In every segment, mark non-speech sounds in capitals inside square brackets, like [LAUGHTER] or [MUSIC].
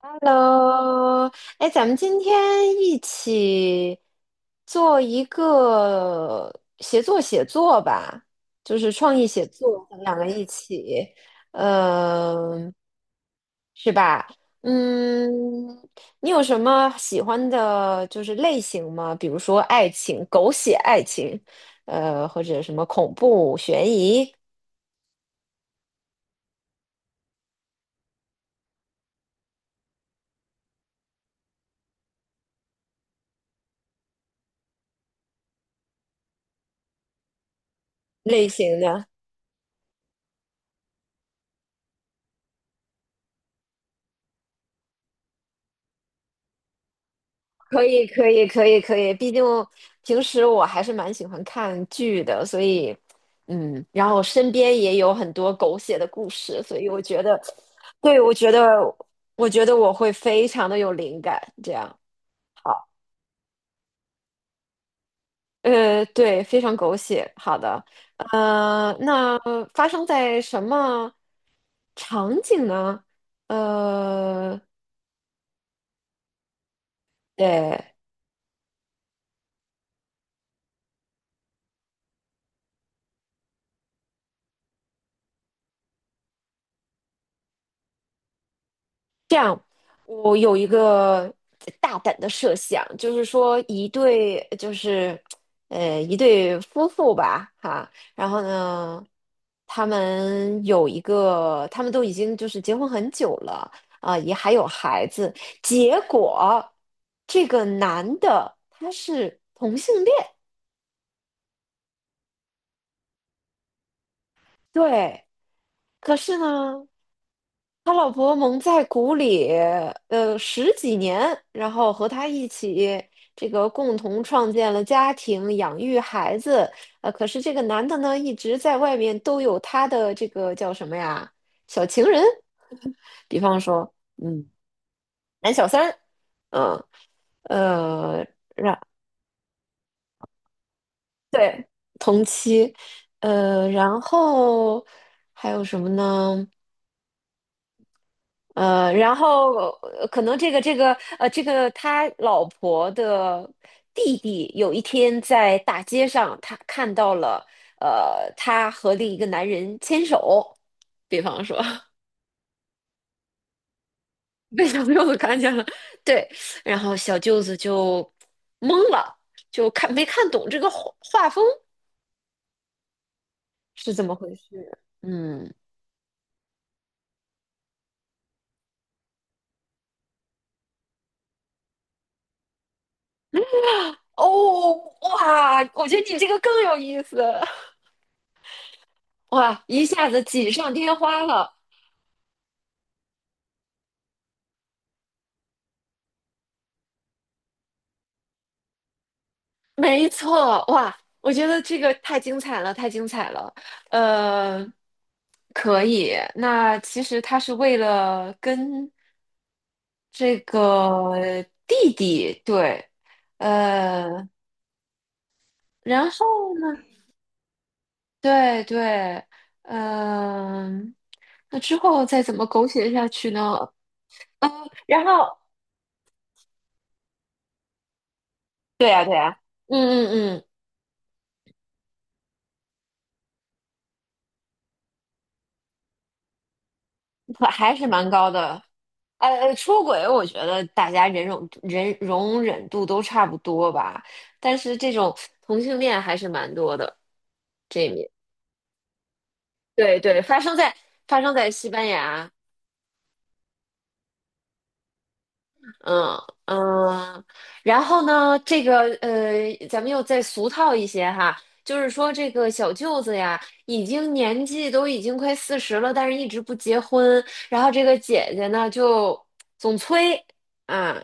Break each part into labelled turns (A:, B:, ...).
A: Hello，哎，咱们今天一起做一个协作写作吧，就是创意写作，咱们两个一起，嗯。是吧？嗯，你有什么喜欢的，就是类型吗？比如说爱情、狗血爱情，或者什么恐怖、悬疑类型的？可以，可以，可以，可以。毕竟平时我还是蛮喜欢看剧的，所以，嗯，然后身边也有很多狗血的故事，所以我觉得，对，我觉得，我觉得我会非常的有灵感。这样，好，对，非常狗血。好的，那发生在什么场景呢？呃，对。这样，我有一个大胆的设想，就是说一对，就是一对夫妇吧，哈，然后呢，他们有一个，他们都已经就是结婚很久了，啊，也还有孩子，结果这个男的他是同性恋。对，可是呢，他老婆蒙在鼓里，十几年，然后和他一起这个共同创建了家庭，养育孩子。可是这个男的呢，一直在外面都有他的这个叫什么呀，小情人，[LAUGHS] 比方说，嗯，男小三儿嗯，呃，然对，同期，然后还有什么呢？然后可能这个这个他老婆的弟弟有一天在大街上，他看到了他和另一个男人牵手，比方说 [LAUGHS] 被小舅子看见了，对，然后小舅子就懵了，就看没看懂这个画风是怎么回事。嗯，哦，哇，我觉得你这个更有意思，[LAUGHS] 哇，一下子锦上添花了。没错，哇，我觉得这个太精彩了，太精彩了。呃，可以。那其实他是为了跟这个弟弟，对，呃，然后呢，对对，嗯，那之后再怎么狗血下去呢？啊，然后，对呀，对呀，嗯嗯嗯，还是蛮高的。哎出轨，我觉得大家忍容忍容忍度都差不多吧，但是这种同性恋还是蛮多的。这一面对对，发生在西班牙，嗯嗯，然后呢，这个咱们又再俗套一些哈，就是说这个小舅子呀，年纪都已经快40了，但是一直不结婚，然后这个姐姐呢就总催，啊，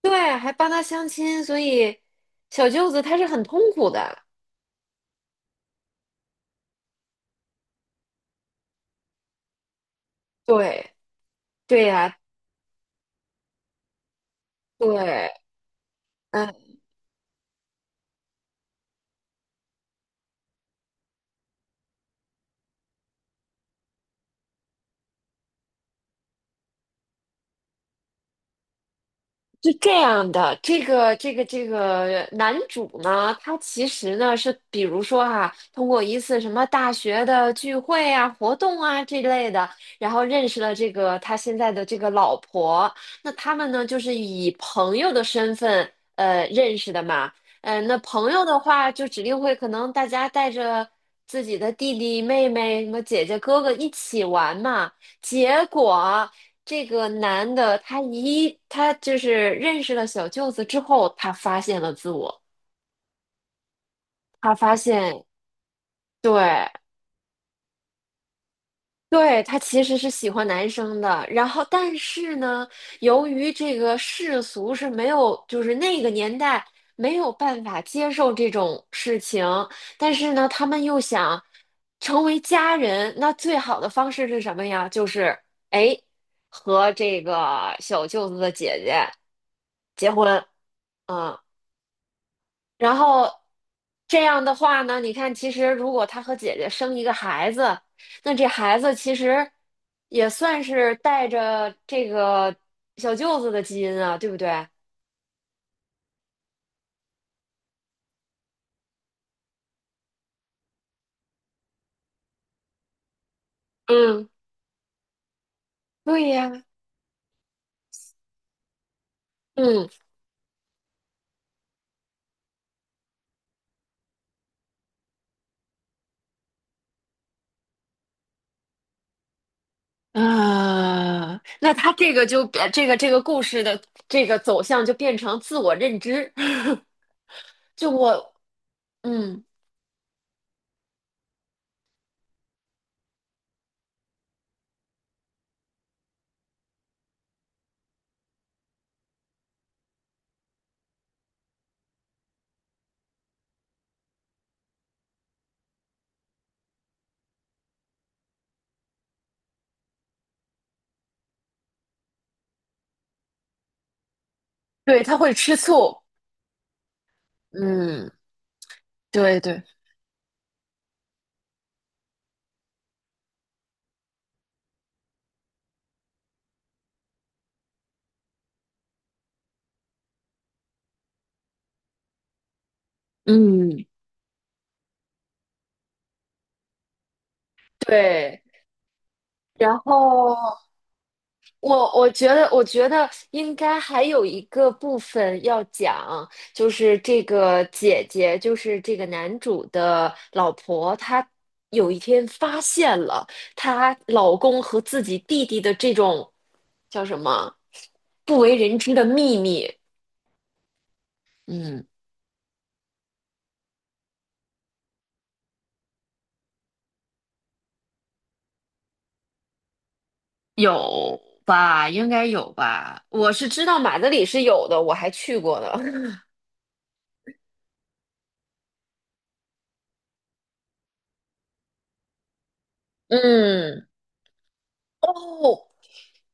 A: 对，还帮他相亲，所以小舅子他是很痛苦的。对，对呀，对，嗯。是这样的，这个男主呢，他其实呢是，比如说哈，通过一次什么大学的聚会啊、活动啊这类的，然后认识了这个他现在的这个老婆。那他们呢，就是以朋友的身份认识的嘛。嗯，那朋友的话，就指定会可能大家带着自己的弟弟、妹妹、什么姐姐、哥哥一起玩嘛。结果。这个男的，他就是认识了小舅子之后，他发现了自我，他发现，对，对，她其实是喜欢男生的，然后但是呢，由于这个世俗是没有，就是那个年代没有办法接受这种事情，但是呢，他们又想成为家人，那最好的方式是什么呀？就是哎，和这个小舅子的姐姐结婚，嗯。然后这样的话呢，你看，其实如果他和姐姐生一个孩子，那这孩子其实也算是带着这个小舅子的基因啊，对不对？嗯，对呀。嗯啊，那他这个就变这个故事的这个走向就变成自我认知，[LAUGHS] 就我嗯，对，他会吃醋，嗯，对对，嗯对，然后我觉得应该还有一个部分要讲，就是这个姐姐，就是这个男主的老婆，她有一天发现了她老公和自己弟弟的这种叫什么不为人知的秘密。嗯，有吧？应该有吧？我是知道马德里是有的，我还去过呢。[LAUGHS] 嗯。哦。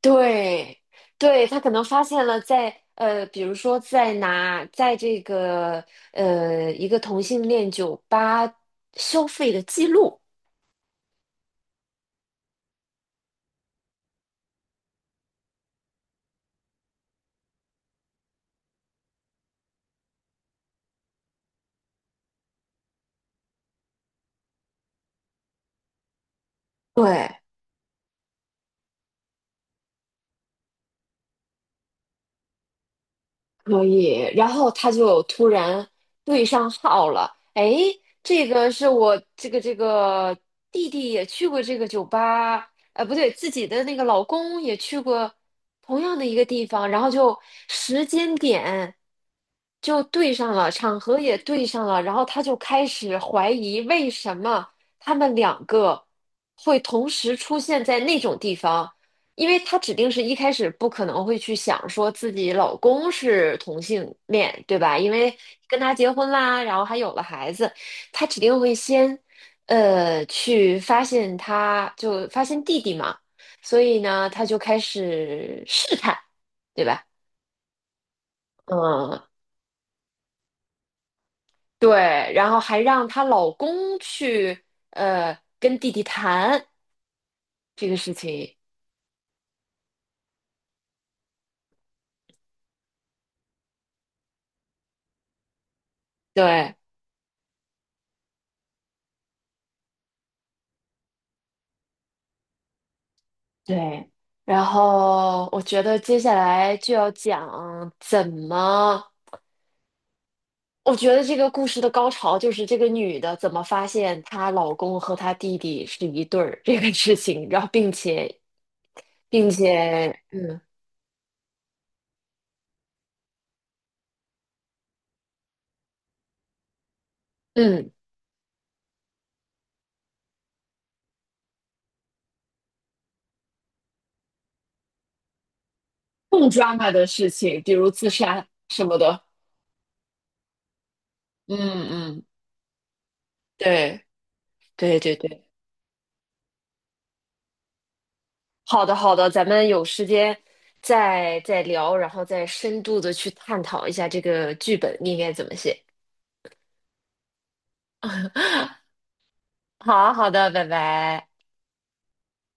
A: 对，对，他可能发现了在，比如说在拿在这个一个同性恋酒吧消费的记录，对可以，然后他就突然对上号了。哎，这个是我这个弟弟也去过这个酒吧，不对，自己的那个老公也去过同样的一个地方，然后就时间点就对上了，场合也对上了，然后他就开始怀疑为什么他们两个会同时出现在那种地方。因为她指定是一开始不可能会去想说自己老公是同性恋，对吧？因为跟他结婚啦，然后还有了孩子，她指定会先，去发现他就发现弟弟嘛，所以呢，她就开始试探，对吧？嗯，对，然后还让她老公去，跟弟弟谈这个事情，对。对，然后我觉得接下来就要讲怎么，我觉得这个故事的高潮就是这个女的怎么发现她老公和她弟弟是一对儿这个事情，然后并且嗯嗯更 drama 的事情，比如自杀什么的。嗯嗯，对对对对，好的好的，咱们有时间再聊，然后再深度的去探讨一下这个剧本应该怎么写。好好的，拜拜。